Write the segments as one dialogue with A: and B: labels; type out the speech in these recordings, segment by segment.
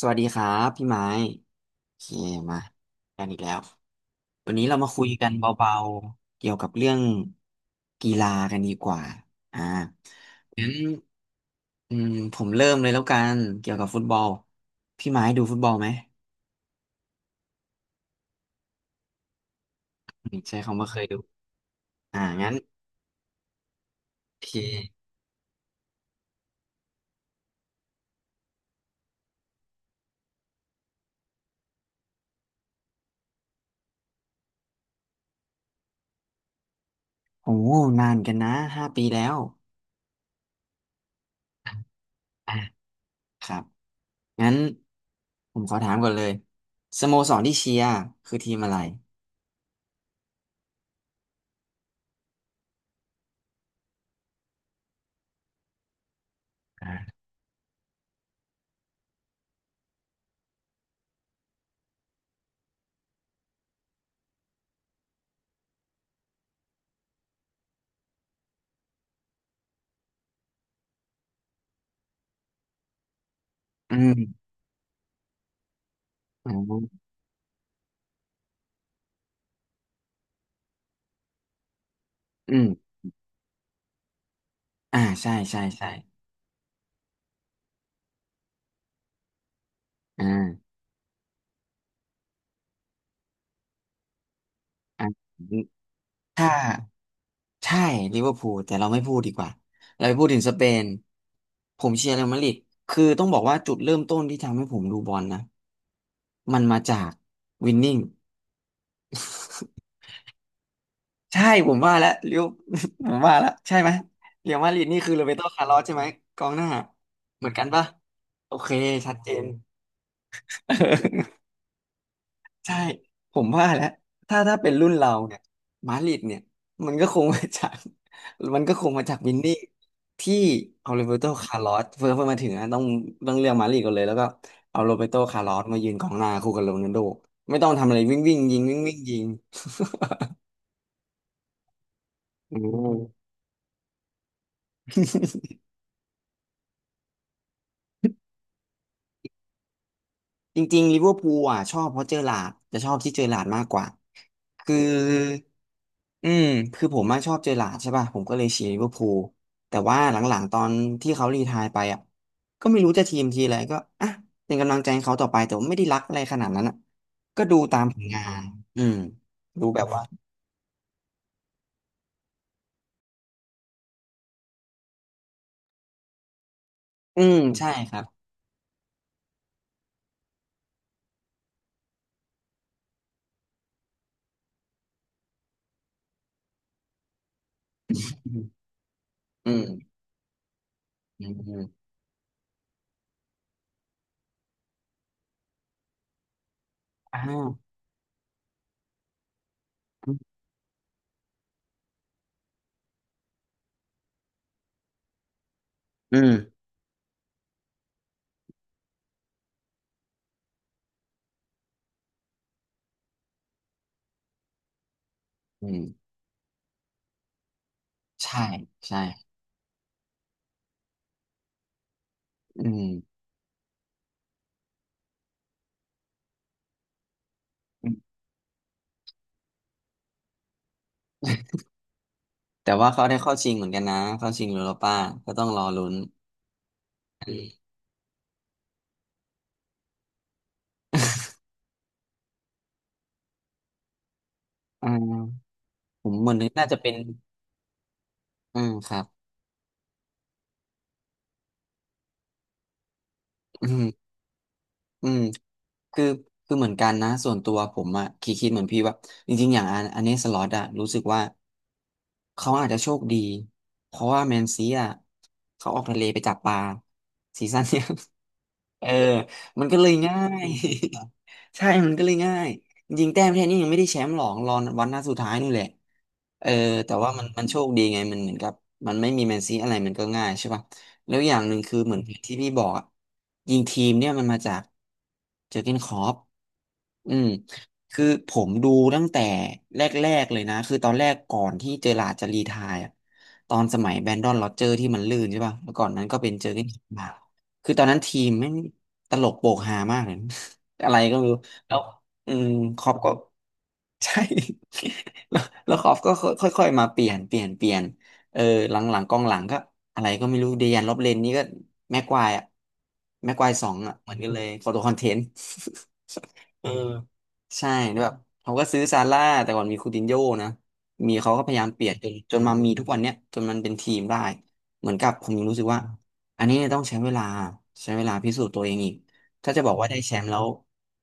A: สวัสดีครับพี่ไม้โอเคมากันอีกแล้ววันนี้เรามาคุยกันเบาๆเกี่ยวกับเรื่องกีฬากันดีกว่าอ่างั้นอืมผมเริ่มเลยแล้วกันเกี่ยวกับฟุตบอลพี่ไม้ดูฟุตบอลไหมอืมใช่คำว่าเคยดูงั้นโอเคโอ้นานกันนะ5 ปีแล้วอ่ะครับงั้นผมขอถามก่อนเลยสโมสรที่เชียร์คือทีมอะไรอ่าอืมอืมอืม ใช่ใช่ใช่อ่าอ่าถ้าใช่ลิเวอร์พูลแต่เราไม่พูดดีกว่าเราไปพูดถึงสเปนผมเชียร์เรอัลมาดริดคือต้องบอกว่าจุดเริ่มต้นที่ทำให้ผมดูบอลนะมันมาจากวินนิ่งใช่ผมว่าแล้วเรียว ผมว่าแล้วใช่ไหมเรียวมาดริดนี่คือโรเบร์โตคาร์ลอสใช่ไหมกองหน้าเหมือนกันปะโอเคชัดเจน ใช่ผมว่าแล้วถ้าเป็นรุ่นเราเนี่ยมาดริดเนี่ยมันก็คงมาจาก มันก็คงมาจากวินนี่ที่เอาโรเบโตคาร์ลอสเพิ่มาถึงนะต้องเรียกมาดริดก่อนเลยแล้วก็เอาโรเบโตคาร์ลอสมายืนกองหน้าคู่กับโรนัลโดไม่ต้องทำอะไรวิ่งวิ่งยิงวิ่งวิ่งยิงอืม จริงๆลิเวอร์พูลอ่ะชอบเพราะเจอหลาร์ดจะชอบที่เจอหลาร์ดมากกว่าคืออืมคือผมมาชอบเจอหลาร์ดใช่ป่ะผมก็เลยเชียร์ลิเวอร์พูลแต่ว่าหลังๆตอนที่เขารีไทร์ไปอ่ะก็ไม่รู้จะทีมทีอะไรก็อ่ะเป็นกำลังใจให้เขาต่อไปแต่ว่าไม่ได้รักอะไรขนาดนั้นอะทำผลงานอืมดูแบบว่าอืมใช่ครับอือืมอืมอืมอ้าวอืมอืมใช่ใช่อืมแต่ว่าเขาได้เข้าชิงเหมือนกันนะเข้าชิงยูโรป้าก็ต้องรอลุ้น อ่าผมเหมือนนึกน่าจะเป็นอืมครับอืมอืมคือคือเหมือนกันนะส่วนตัวผมอะคิดเหมือนพี่ว่าจริงๆอย่างอันเนสล็อตอะรู้สึกว่าเขาอาจจะโชคดีเพราะว่าแมนซีอะเขาออกทะเลไปจับปลาซีซั่นเนี้ยเออมันก็เลยง่าย ใช่มันก็เลยง่ายจริงๆแต้มแค่นี้ยังไม่ได้แชมป์หรอกรอวันหน้าสุดท้ายนู่นแหละ เออแต่ว่ามันมันโชคดีไงมันเหมือนกับมันไม่มีแมนซีอะไรมันก็ง่ายใช่ป่ะแล้วอย่างหนึ่งคือเหมือนที่พี่บอกอะยิงทีมเนี่ยมันมาจากเจอร์เก้นคล็อปอืมคือผมดูตั้งแต่แรกๆเลยนะคือตอนแรกก่อนที่เจอร์ราร์ดจะรีไทร์อะตอนสมัยแบรนดอนโรเจอร์ที่มันลื่นใช่ป่ะแล้วก่อนนั้นก็เป็นเจอร์เก้นคล็อปมาคือตอนนั้นทีมแม่งตลกโปกฮามากเลย อะไรก็ไม่รู้แล้วอืมคล็อปก็ ใช่ แล้วแล้วคอฟก็ค่อยๆมาเปลี่ยนเปลี่ยนเปลี่ยน เออหลังๆกองหลังก็อะไรก็ไม่รู้เดยันลอบเลนนี่ก็แม็กควายอะแม็กควายสองอะเหมือนกันเลยโฟโตคอนเทนต์ เออใช่แล้วแบบเขาก็ซื้อซาร่าแต่ก่อนมีคูตินโญ่นะมีเขาก็พยายามเปลี่ยนจนมามีทุกวันเนี้ยจนมันเป็นทีมได้เหมือนกับผมยังรู้สึกว่าอันนี้ต้องใช้เวลาใช้เวลาพิสูจน์ตัวเองอีกถ้าจะบอกว่าได้แชมป์แล้ว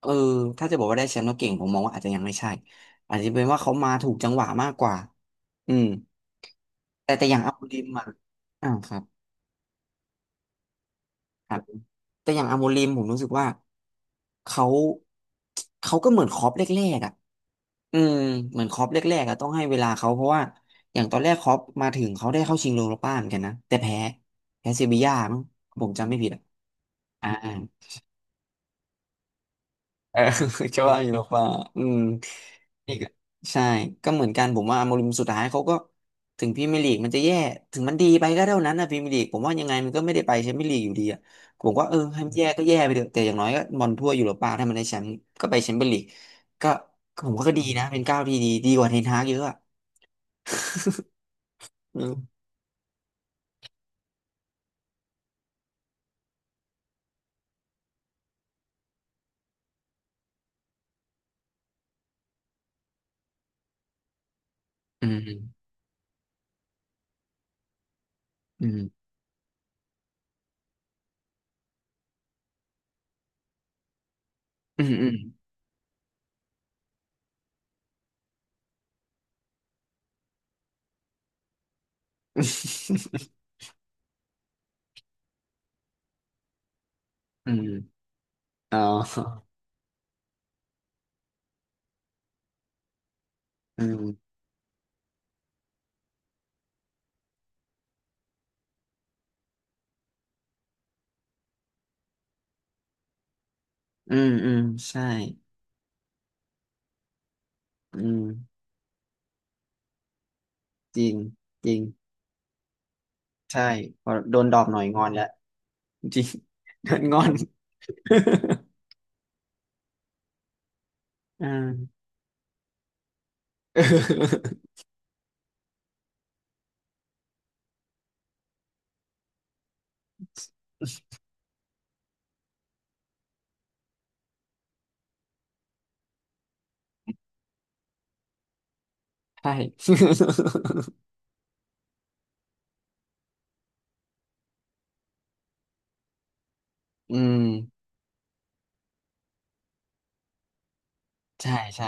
A: เออถ้าจะบอกว่าได้แชมป์แล้วเก่งผมมองว่าอาจจะยังไม่ใช่อาจจะเป็นว่าเขามาถูกจังหวะมากกว่าอืมแต่อย่างอามลิมอ่ะอ่าครับครับแต่อย่างอาโมริมผมรู้สึกว่าเขาเขาก็เหมือนคล็อปแรกๆอ่ะ อืมเหมือนคล็อปแรกๆอะต้องให้เวลาเขาเพราะว่าอย่างตอนแรกคล็อปมาถึงเขาได้เข้าชิงโยโรป้าเหมือนกันนะแต่แพ้เซบีย่ามั้งผมจำไม่ผิดอะอ่าเออ ชว่าอยู่โรป่าอืมนี่ก็ใช่ก็เหมือนกันผมว่าโมริมสุดท้ายเขาก็ถึงพรีเมียร์ลีกมันจะแย่ถึงมันดีไปก็เท่านั้นนะพรีเมียร์ลีกผมว่ายังไงมันก็ไม่ได้ไปแชมเปี้ยนลีกอยู่ดีอะผมก็เออให้มันแย่ก็แย่ไปเถอะแต่อย่างน้อยก็บอลทั่วยุโรป้าถ้ามันได้แชมป์ก็ไปแชมเปี้ยนลีกก็ผมว่าก็ดีนะเป็นก้าวที่ดีดีกว่าเทนฮากเยอะอะ อืมอืมอืมอืมอืมอืมอมอ๋ออืมอืมอืมใช่อืมจริง จริง ใช่พอโดนดอกหน่อยงอนแล้วจริงโดนงอน อ่า ใช่ อืมใช่ ใช่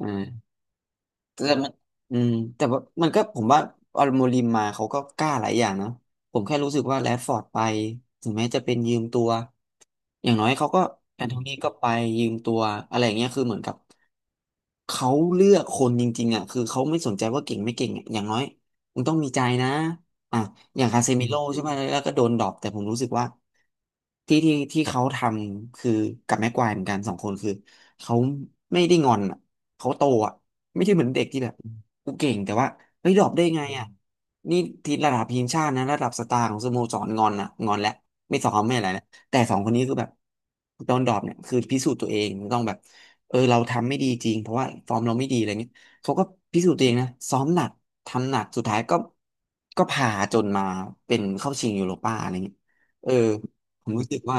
A: อ่า แต่มันอืมแต่ว่ามันก็ผมว่าอลโมริมมาเขาก็กล้าหลายอย่างเนาะผมแค่รู้สึกว่าแรชฟอร์ดไปถึงแม้จะเป็นยืมตัวอย่างน้อยเขาก็แอนโทนีก็ไปยืมตัวอะไรอย่างเงี้ยคือเหมือนกับเขาเลือกคนจริงๆอ่ะคือเขาไม่สนใจว่าเก่งไม่เก่งอะอย่างน้อยมึงต้องมีใจนะอ่ะอย่างคาเซมิโร่ใช่ไหมแล้วก็โดนดรอปแต่ผมรู้สึกว่าที่เขาทำคือกับแม็กควายเหมือนกันสองคนคือเขาไม่ได้งอนอ่ะเขาโตอ่ะ ไม่ใช่เหมือนเด็กที่แบบกูเก่งแต่ว่าเฮ้ยดรอปได้ไงอ่ะนี่ทีระดับทีมชาตินะระดับสตาร์ของสโมสรงอนนะงอนแล้วไม่สอนไม่อะไรแล้วแต่สองคนนี้คือแบบตอนดรอปเนี่ยคือพิสูจน์ตัวเองต้องแบบเออเราทำไม่ดีจริงเพราะว่าฟอร์มเราไม่ดีอะไรเงี้ยเขาก็พิสูจน์ตัวเองนะซ้อมหนักทำหนักสุดท้ายก็พาจนมาเป็นเข้าชิงยูโรป้าอะไรเงี้ยเออผมรู้สึกว่า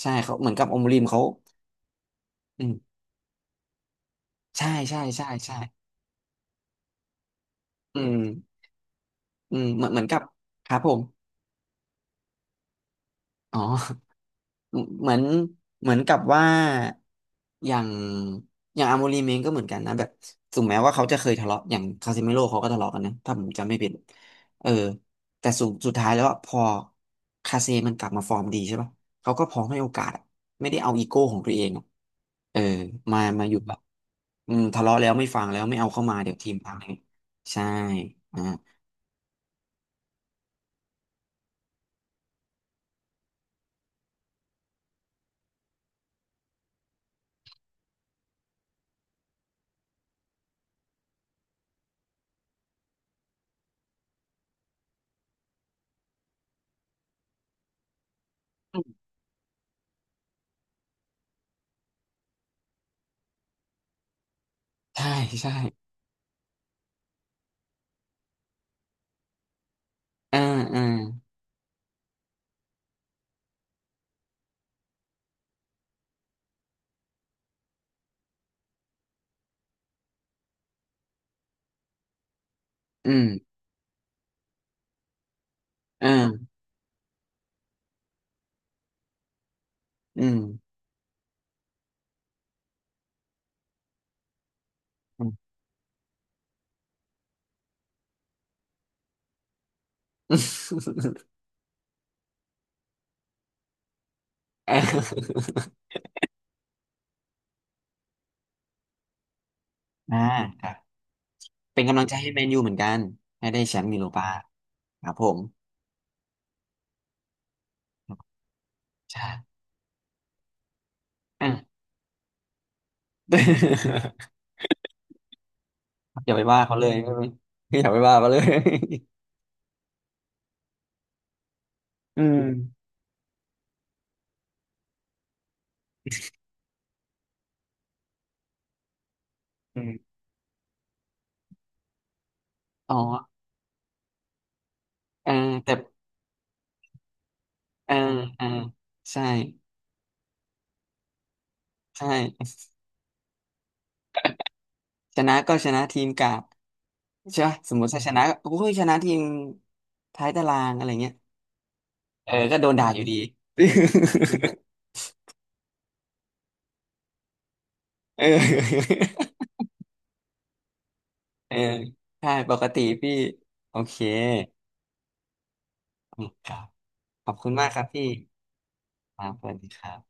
A: ใช่เขาเหมือนกับอมริมเขาอืมใช่ใช่ใช่ใช่อืม อืมเหมือนกับครับผมอ๋อเหมือนเหมือนกับว่าอย่างอย่างอาโมรีเมงก็เหมือนกันนะแบบถึงแม้ว่าเขาจะเคยทะเลาะอย่างคาซิเมโร่เขาก็ทะเลาะกันนะถ้าผมจำไม่ผิดเออแต่สุดท้ายแล้วอะพอคาเซมันกลับมาฟอร์มดีใช่ป่ะเขาก็พร้อมให้โอกาสอะไม่ได้เอาอีโก้ของตัวเองอะเออมาอยู่แบบอืมทะเลาะแล้วไม่ฟังแล้วไม่เอาเข้ามาเดี๋ยวทีมพังเองใช่อ่าใช่ใช่อ่าอ่าอืมอ่า อืม อืมเอออ่าครับเป็นกำลังใจให้แมนยูเหมือนกันให้ได้แชมป์ยูโรปาครับผมใช่อ่ะ อย่าไปว่าเขาเลยอย่าไปว่าเขาเลยอืมอืมอ๋อเออแต่เออเออใช่ใช่ชนะก็ชนะทีมกากใช่ปะสมมติถ้าชนะโอ้ยชนะทีมท้ายตารางอะไรเงี้ยเออก็โดนด่าอยู่ดี เออ เออใช่ปกติพี่โอเคอืมครับขอบคุณมากครับพี่ครับสวัสดีครับ